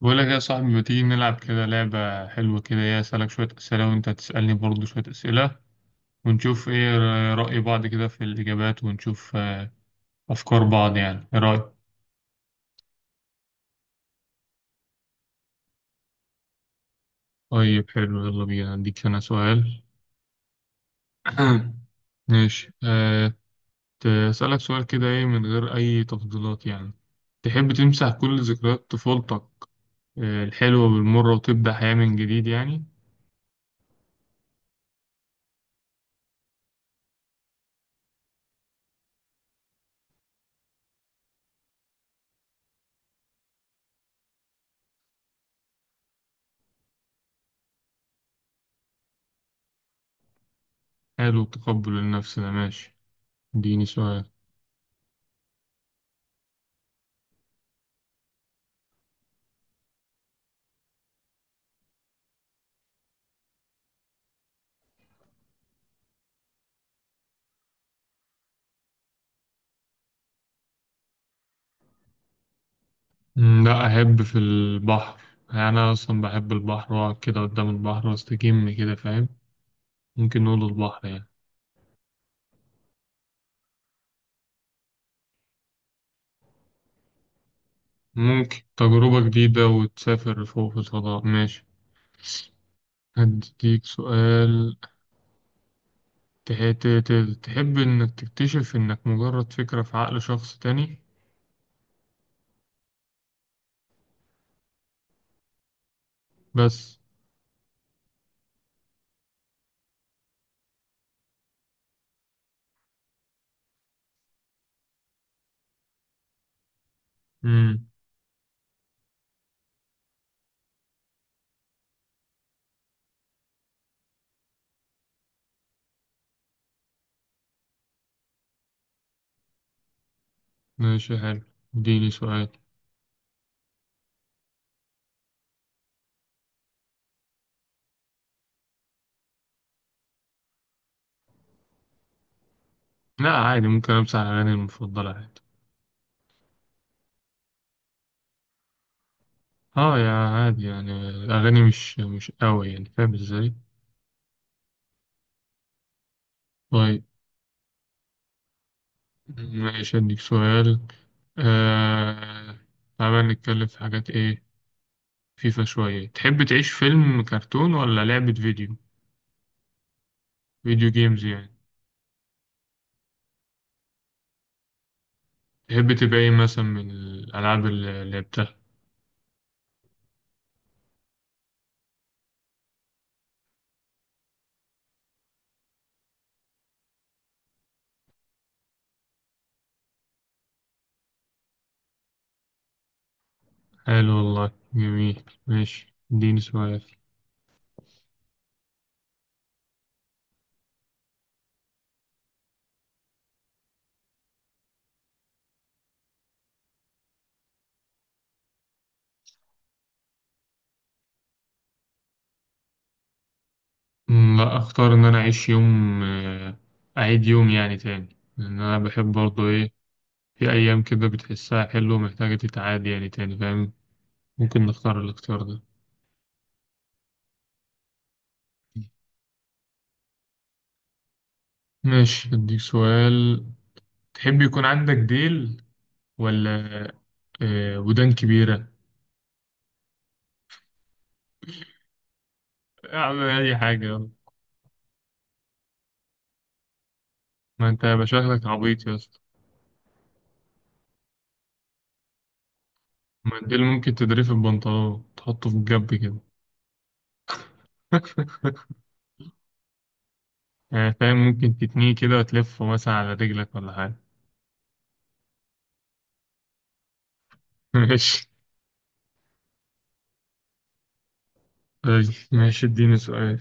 بقول لك يا صاحبي، ما تيجي نلعب كده لعبة حلوة كده، ايه أسألك شوية أسئلة وأنت تسألني برضو شوية أسئلة، ونشوف إيه رأي بعض كده في الإجابات، ونشوف أفكار بعض، يعني إيه رأيك؟ طيب حلو، يلا بينا، أديك أنا سؤال. ماشي. أسألك سؤال كده، إيه، من غير أي تفضيلات يعني. تحب تمسح كل ذكريات طفولتك، الحلوة والمرة، وتبدأ حياة من جديد يعني؟ حلو، التقبل النفس ده، ماشي. اديني سؤال. لا، أحب في البحر. يعني أنا أصلا بحب البحر وأقعد كده قدام البحر وأستجم كده، فاهم. ممكن نقول البحر يعني. ممكن تجربة جديدة وتسافر فوق في الفضاء، ماشي. هديك سؤال. تحب إنك تكتشف إنك مجرد فكرة في عقل شخص تاني، بس. مم. ماشي حلو، اديني سؤال. لا عادي، ممكن أمسح أغاني المفضلة عادي. اه، يا عادي، يعني الأغاني مش قوي يعني، فاهم ازاي؟ طيب ماشي، أديك سؤال. آه... تعالى نتكلم في حاجات، إيه، فيفا شوية. تحب تعيش فيلم كرتون ولا لعبة فيديو؟ فيديو جيمز يعني. تحب تبقى إيه مثلا من الألعاب اللي لعبتها؟ حلو والله، جميل، ماشي، اديني سؤال. لا، أختار إن أنا أعيش يوم، أعيد يوم يعني تاني. لأن أنا بحب برضه، إيه، في أيام كده بتحسها حلوة ومحتاجة تتعاد يعني تاني، فاهم. ممكن نختار الاختيار ده. ماشي، أديك سؤال. تحب يكون عندك ديل، ولا ودان كبيرة؟ أعمل أي حاجة، يلا. ما أنت يبقى شكلك عبيط يا اسطى. ما الديل ممكن تدريه في البنطلون، تحطه في الجنب كده. يعني فاهم، ممكن تتنيه كده وتلفه مثلا على رجلك ولا حاجة. ماشي. طيب، ماشي، اديني سؤال.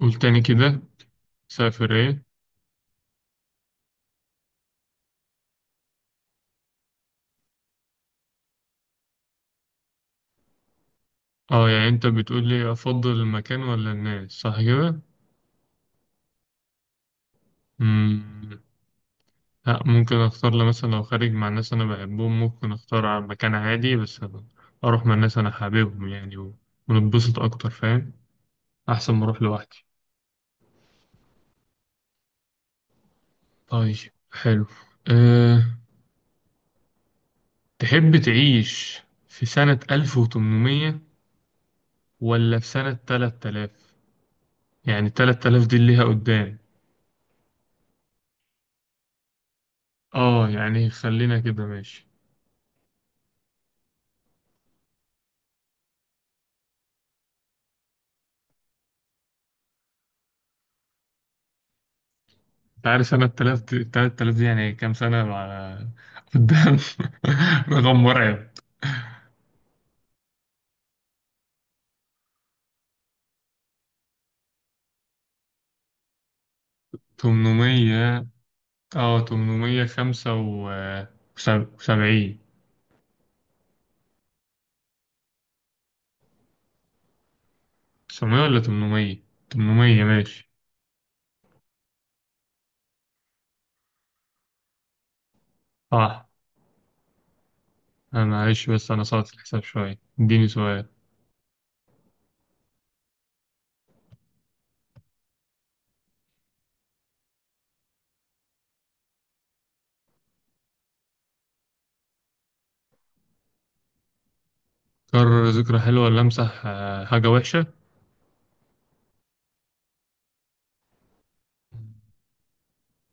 قول تاني كده، سافر ايه؟ اه، يعني انت بتقول لي افضل المكان ولا الناس، صح كده؟ مم. لا، ممكن اختار، لو مثلا لو خارج مع ناس انا بحبهم، ممكن اختار على مكان عادي، بس اروح مع ناس انا حاببهم يعني، ونتبسط اكتر، فاهم. احسن ما اروح لوحدي. طيب حلو. أه تحب تعيش في سنة 1800 ولا في سنة 3000؟ يعني 3000 دي اللي ليها قدام. اه يعني خلينا كده، ماشي. انت عارف سنة 3000 دي، 3000 دي يعني كام سنة على قدام؟ رقم مرعب. 800. اه تمنمية خمسة وسبعين، تسعمية ولا تمنمية؟ تمنمية، ماشي. صح. معلش، بس أنا صارت الحساب شوية. اديني سؤال. أكرر ذكرى حلوة ولا أمسح حاجة وحشة؟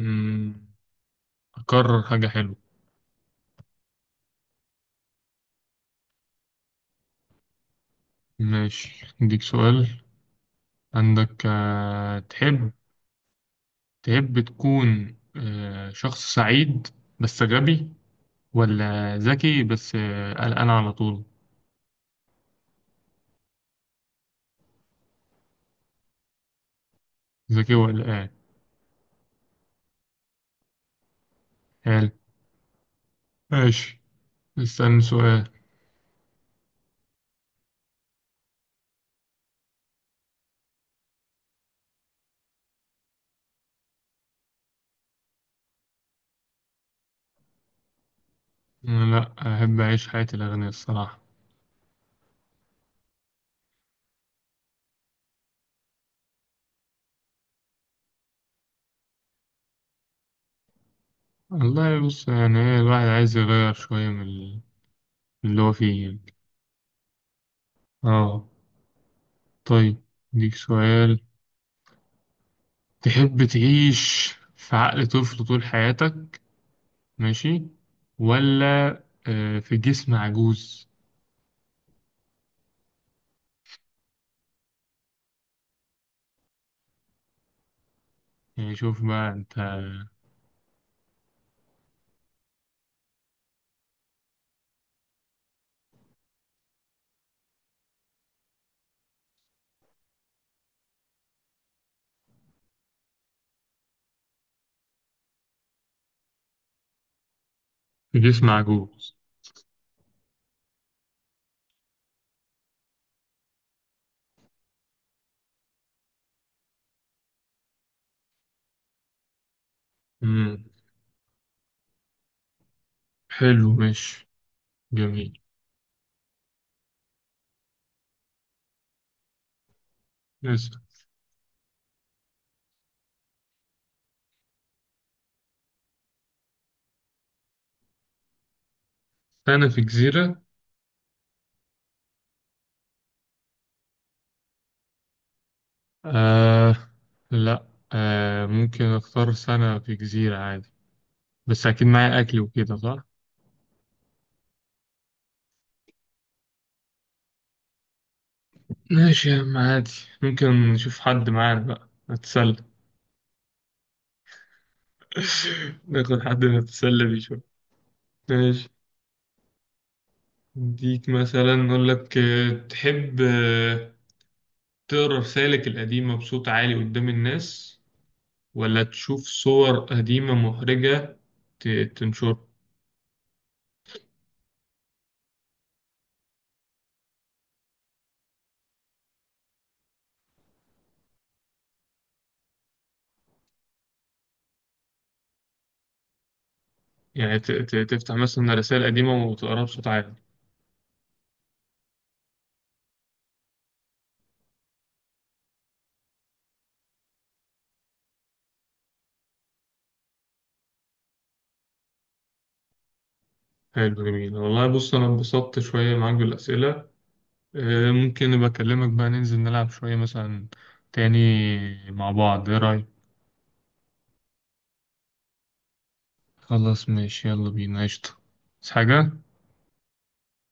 مم، أكرر حاجة حلوة. ماشي، أديك سؤال. عندك آه، تحب تحب تكون شخص سعيد بس غبي، ولا ذكي بس قلقان على طول؟ ذكي وقلقان. حلو، ماشي، اسألني سؤال. لا، أحب أعيش حياة الأغنياء الصراحة. والله بص، يعني إيه، الواحد عايز يغير شوية من من اللي هو فيه يعني. آه طيب، ديك سؤال. تحب تعيش في عقل طفل طول حياتك، ماشي، ولا في جسم عجوز؟ يعني شوف بقى أنت. في جسم عجوز. مم. حلو، ماشي، جميل. بس أنا في جزيرة، آه لا ممكن أختار سنة في جزيرة عادي. بس أكيد معايا أكل وكده، صح؟ ماشي يا عم، عادي. ممكن نشوف حد معانا بقى نتسلى. ناخد حد نتسلى بيه شوية. ماشي، اديك مثلا، نقول لك تحب تقرا رسالك القديمة بصوت عالي قدام الناس، ولا تشوف صور قديمة محرجة تنشرها؟ يعني تفتح مثلا رسائل قديمة وتقراها بصوت عالي. حلو جميل والله، بص أنا انبسطت شوية معاك بالأسئلة. ممكن أبقى أكلمك بقى ننزل نلعب شوية مثلا تاني مع بعض، إيه رأيك؟ خلاص ماشي، يلا بينا قشطة. بس حاجة؟